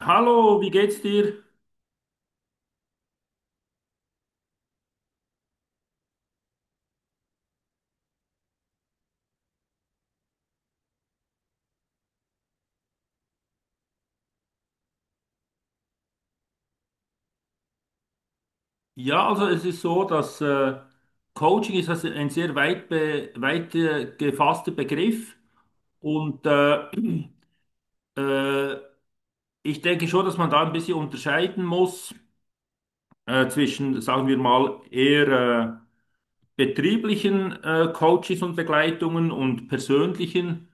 Hallo, wie geht's dir? Ja, also es ist so, dass Coaching ist also ein sehr weit gefasster Begriff und äh, ich denke schon, dass man da ein bisschen unterscheiden muss zwischen, sagen wir mal, eher betrieblichen Coaches und Begleitungen und persönlichen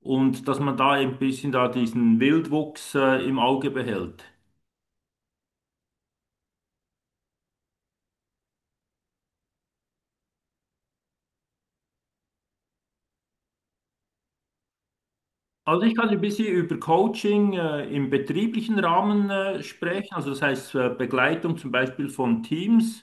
und dass man da ein bisschen da diesen Wildwuchs im Auge behält. Also ich kann ein bisschen über Coaching im betrieblichen Rahmen sprechen, also das heißt Begleitung zum Beispiel von Teams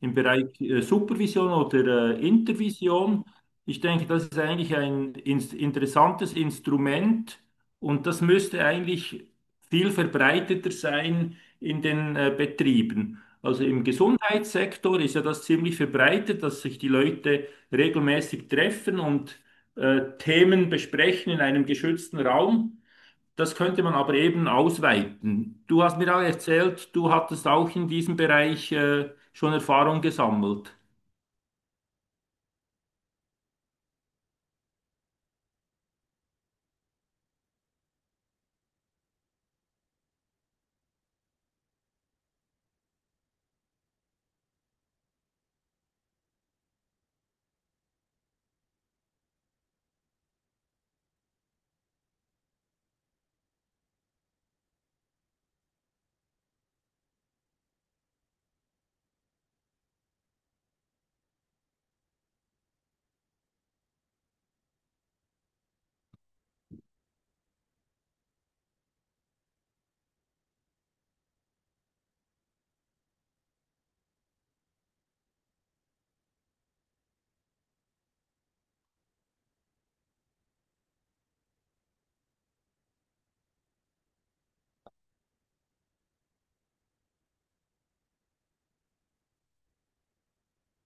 im Bereich Supervision oder Intervision. Ich denke, das ist eigentlich ein interessantes Instrument und das müsste eigentlich viel verbreiteter sein in den Betrieben. Also im Gesundheitssektor ist ja das ziemlich verbreitet, dass sich die Leute regelmäßig treffen und Themen besprechen in einem geschützten Raum. Das könnte man aber eben ausweiten. Du hast mir auch erzählt, du hattest auch in diesem Bereich schon Erfahrung gesammelt.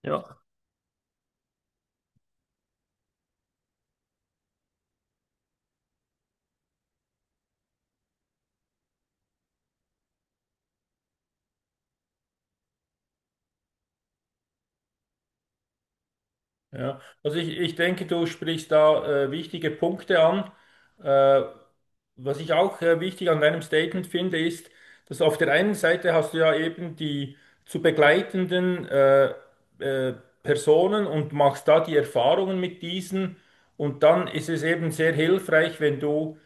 Ja, ja, also ich denke, du sprichst da wichtige Punkte an. Äh, Was ich auch wichtig an deinem Statement finde, ist, dass auf der einen Seite hast du ja eben die zu begleitenden äh, Personen und machst da die Erfahrungen mit diesen. Und dann ist es eben sehr hilfreich, wenn du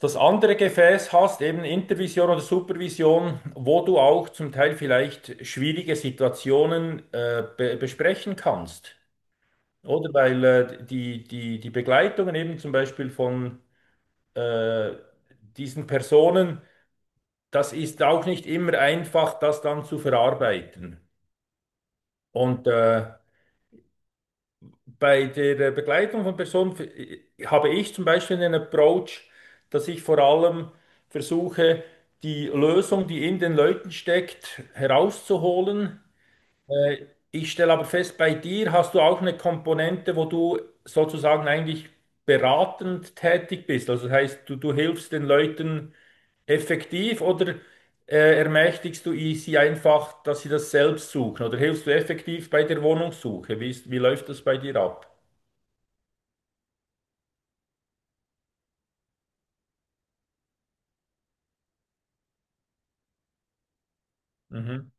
das andere Gefäß hast, eben Intervision oder Supervision, wo du auch zum Teil vielleicht schwierige Situationen be besprechen kannst. Oder weil die, die, die Begleitungen eben zum Beispiel von äh, diesen Personen, das ist auch nicht immer einfach, das dann zu verarbeiten. Und bei der Begleitung von Personen habe ich zum Beispiel einen Approach, dass ich vor allem versuche, die Lösung, die in den Leuten steckt, herauszuholen. Ich stelle aber fest, bei dir hast du auch eine Komponente, wo du sozusagen eigentlich beratend tätig bist. Also das heißt, du hilfst den Leuten effektiv oder ermächtigst du sie einfach, dass sie das selbst suchen? Oder hilfst du effektiv bei der Wohnungssuche? Wie ist, wie läuft das bei dir ab? Mhm.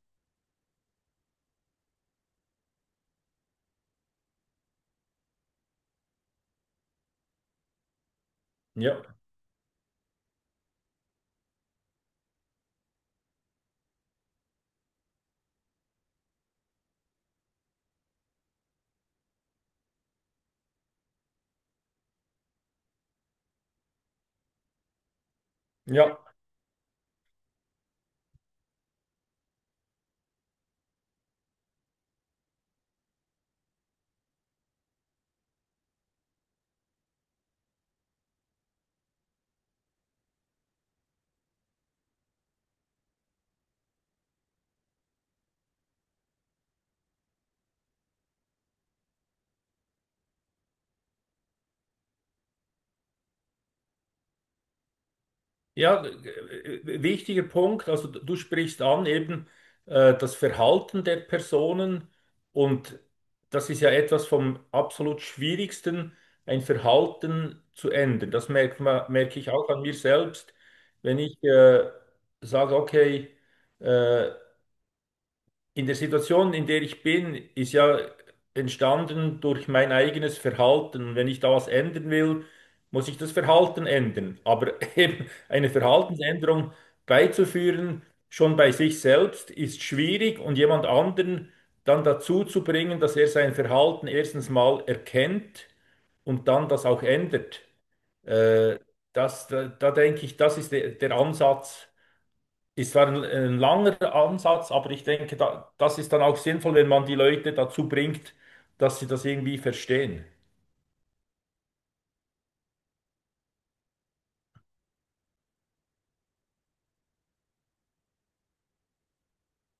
Ja, ja. Ja, wichtiger Punkt. Also du sprichst an eben das Verhalten der Personen und das ist ja etwas vom absolut Schwierigsten, ein Verhalten zu ändern. Das merkt man, merke ich auch an mir selbst, wenn ich sage, okay, äh, in der Situation, in der ich bin, ist ja entstanden durch mein eigenes Verhalten. Und wenn ich da was ändern will, muss ich das Verhalten ändern. Aber eben eine Verhaltensänderung beizuführen, schon bei sich selbst, ist schwierig und jemand anderen dann dazu zu bringen, dass er sein Verhalten erstens mal erkennt und dann das auch ändert. Äh, da denke ich, das ist der, der Ansatz. Es war ein langer Ansatz, aber ich denke, da, das ist dann auch sinnvoll, wenn man die Leute dazu bringt, dass sie das irgendwie verstehen.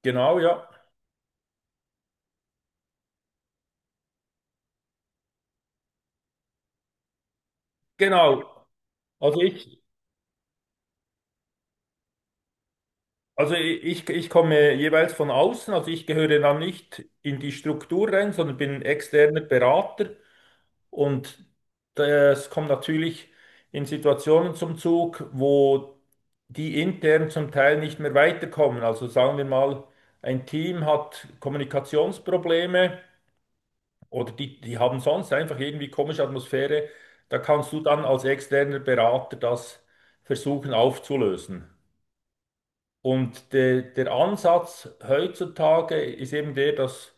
Genau, ja. Genau. Also ich, also ich komme jeweils von außen, also ich gehöre dann nicht in die Struktur rein, sondern bin externer Berater und das kommt natürlich in Situationen zum Zug, wo die intern zum Teil nicht mehr weiterkommen. Also sagen wir mal, ein Team hat Kommunikationsprobleme. Oder die, die haben sonst einfach irgendwie komische Atmosphäre. Da kannst du dann als externer Berater das versuchen aufzulösen. Und der Ansatz heutzutage ist eben der, dass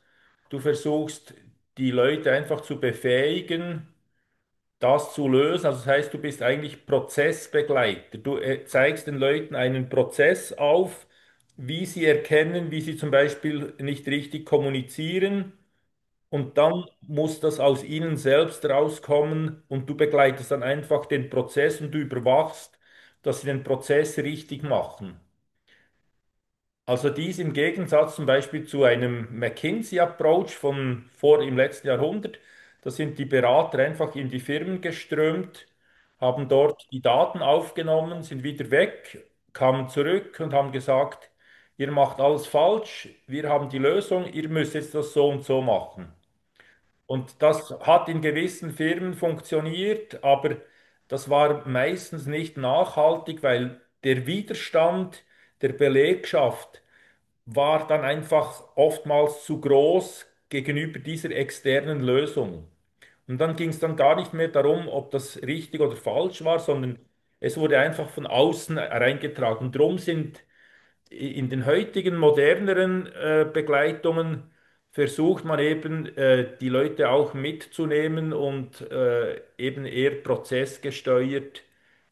du versuchst, die Leute einfach zu befähigen, das zu lösen. Also das heißt, du bist eigentlich Prozessbegleiter. Du zeigst den Leuten einen Prozess auf, wie sie erkennen, wie sie zum Beispiel nicht richtig kommunizieren und dann muss das aus ihnen selbst rauskommen und du begleitest dann einfach den Prozess und du überwachst, dass sie den Prozess richtig machen. Also dies im Gegensatz zum Beispiel zu einem McKinsey-Approach von vor im letzten Jahrhundert. Da sind die Berater einfach in die Firmen geströmt, haben dort die Daten aufgenommen, sind wieder weg, kamen zurück und haben gesagt, ihr macht alles falsch, wir haben die Lösung, ihr müsst jetzt das so und so machen. Und das hat in gewissen Firmen funktioniert, aber das war meistens nicht nachhaltig, weil der Widerstand der Belegschaft war dann einfach oftmals zu groß gegenüber dieser externen Lösung. Und dann ging es dann gar nicht mehr darum, ob das richtig oder falsch war, sondern es wurde einfach von außen reingetragen. Drum sind in den heutigen moderneren Begleitungen versucht man eben die Leute auch mitzunehmen und eben eher prozessgesteuert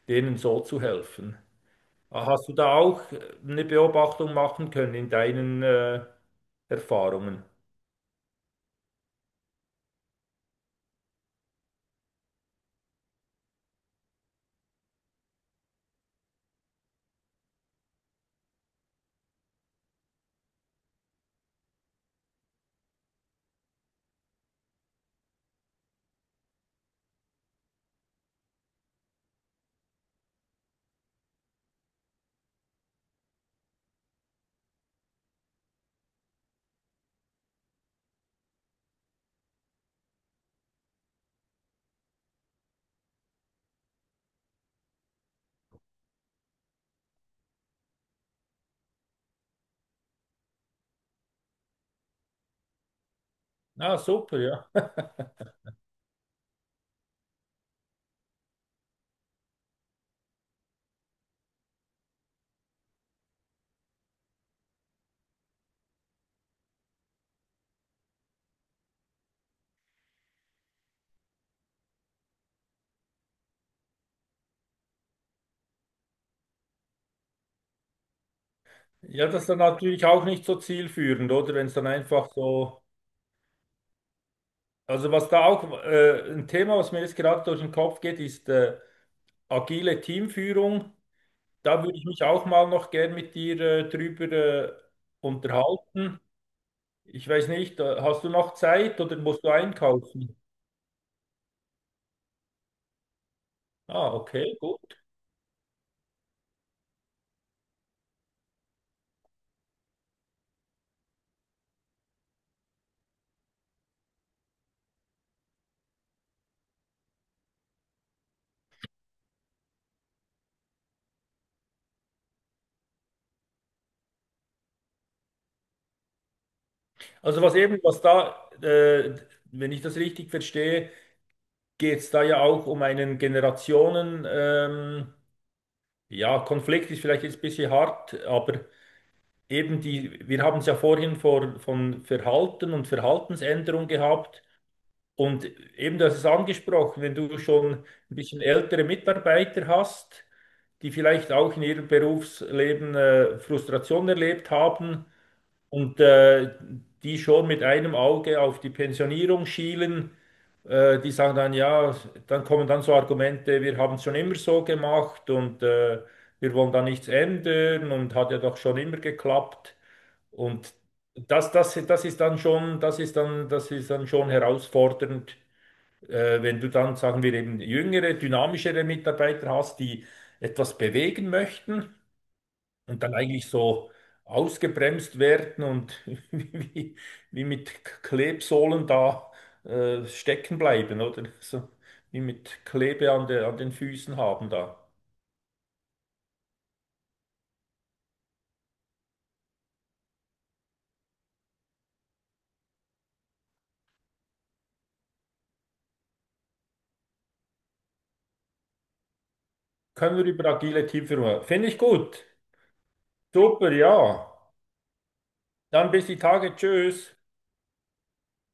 denen so zu helfen. Hast du da auch eine Beobachtung machen können in deinen Erfahrungen? Ah, super, ja. Ja, das ist dann natürlich auch nicht so zielführend, oder? Wenn es dann einfach so. Also, was da auch ein Thema, was mir jetzt gerade durch den Kopf geht, ist agile Teamführung. Da würde ich mich auch mal noch gern mit dir drüber unterhalten. Ich weiß nicht, hast du noch Zeit oder musst du einkaufen? Ah, okay, gut. Also was eben, was da, wenn ich das richtig verstehe, geht es da ja auch um einen Generationen, ja, Konflikt ist vielleicht jetzt ein bisschen hart, aber eben die, wir haben es ja vorhin von Verhalten und Verhaltensänderung gehabt. Und eben, das ist angesprochen, wenn du schon ein bisschen ältere Mitarbeiter hast, die vielleicht auch in ihrem Berufsleben Frustration erlebt haben und die schon mit einem Auge auf die Pensionierung schielen, die sagen dann, ja, dann kommen dann so Argumente, wir haben es schon immer so gemacht und wir wollen da nichts ändern und hat ja doch schon immer geklappt. Und das, das, das ist dann schon, das ist dann schon herausfordernd wenn du dann, sagen wir, eben jüngere, dynamischere Mitarbeiter hast, die etwas bewegen möchten und dann eigentlich so ausgebremst werden und wie, wie mit Klebsohlen da stecken bleiben, oder? So, wie mit Klebe an der, an den Füßen haben da. Können wir über agile Teamführung. Finde ich gut. Super, ja. Dann bis die Tage. Tschüss.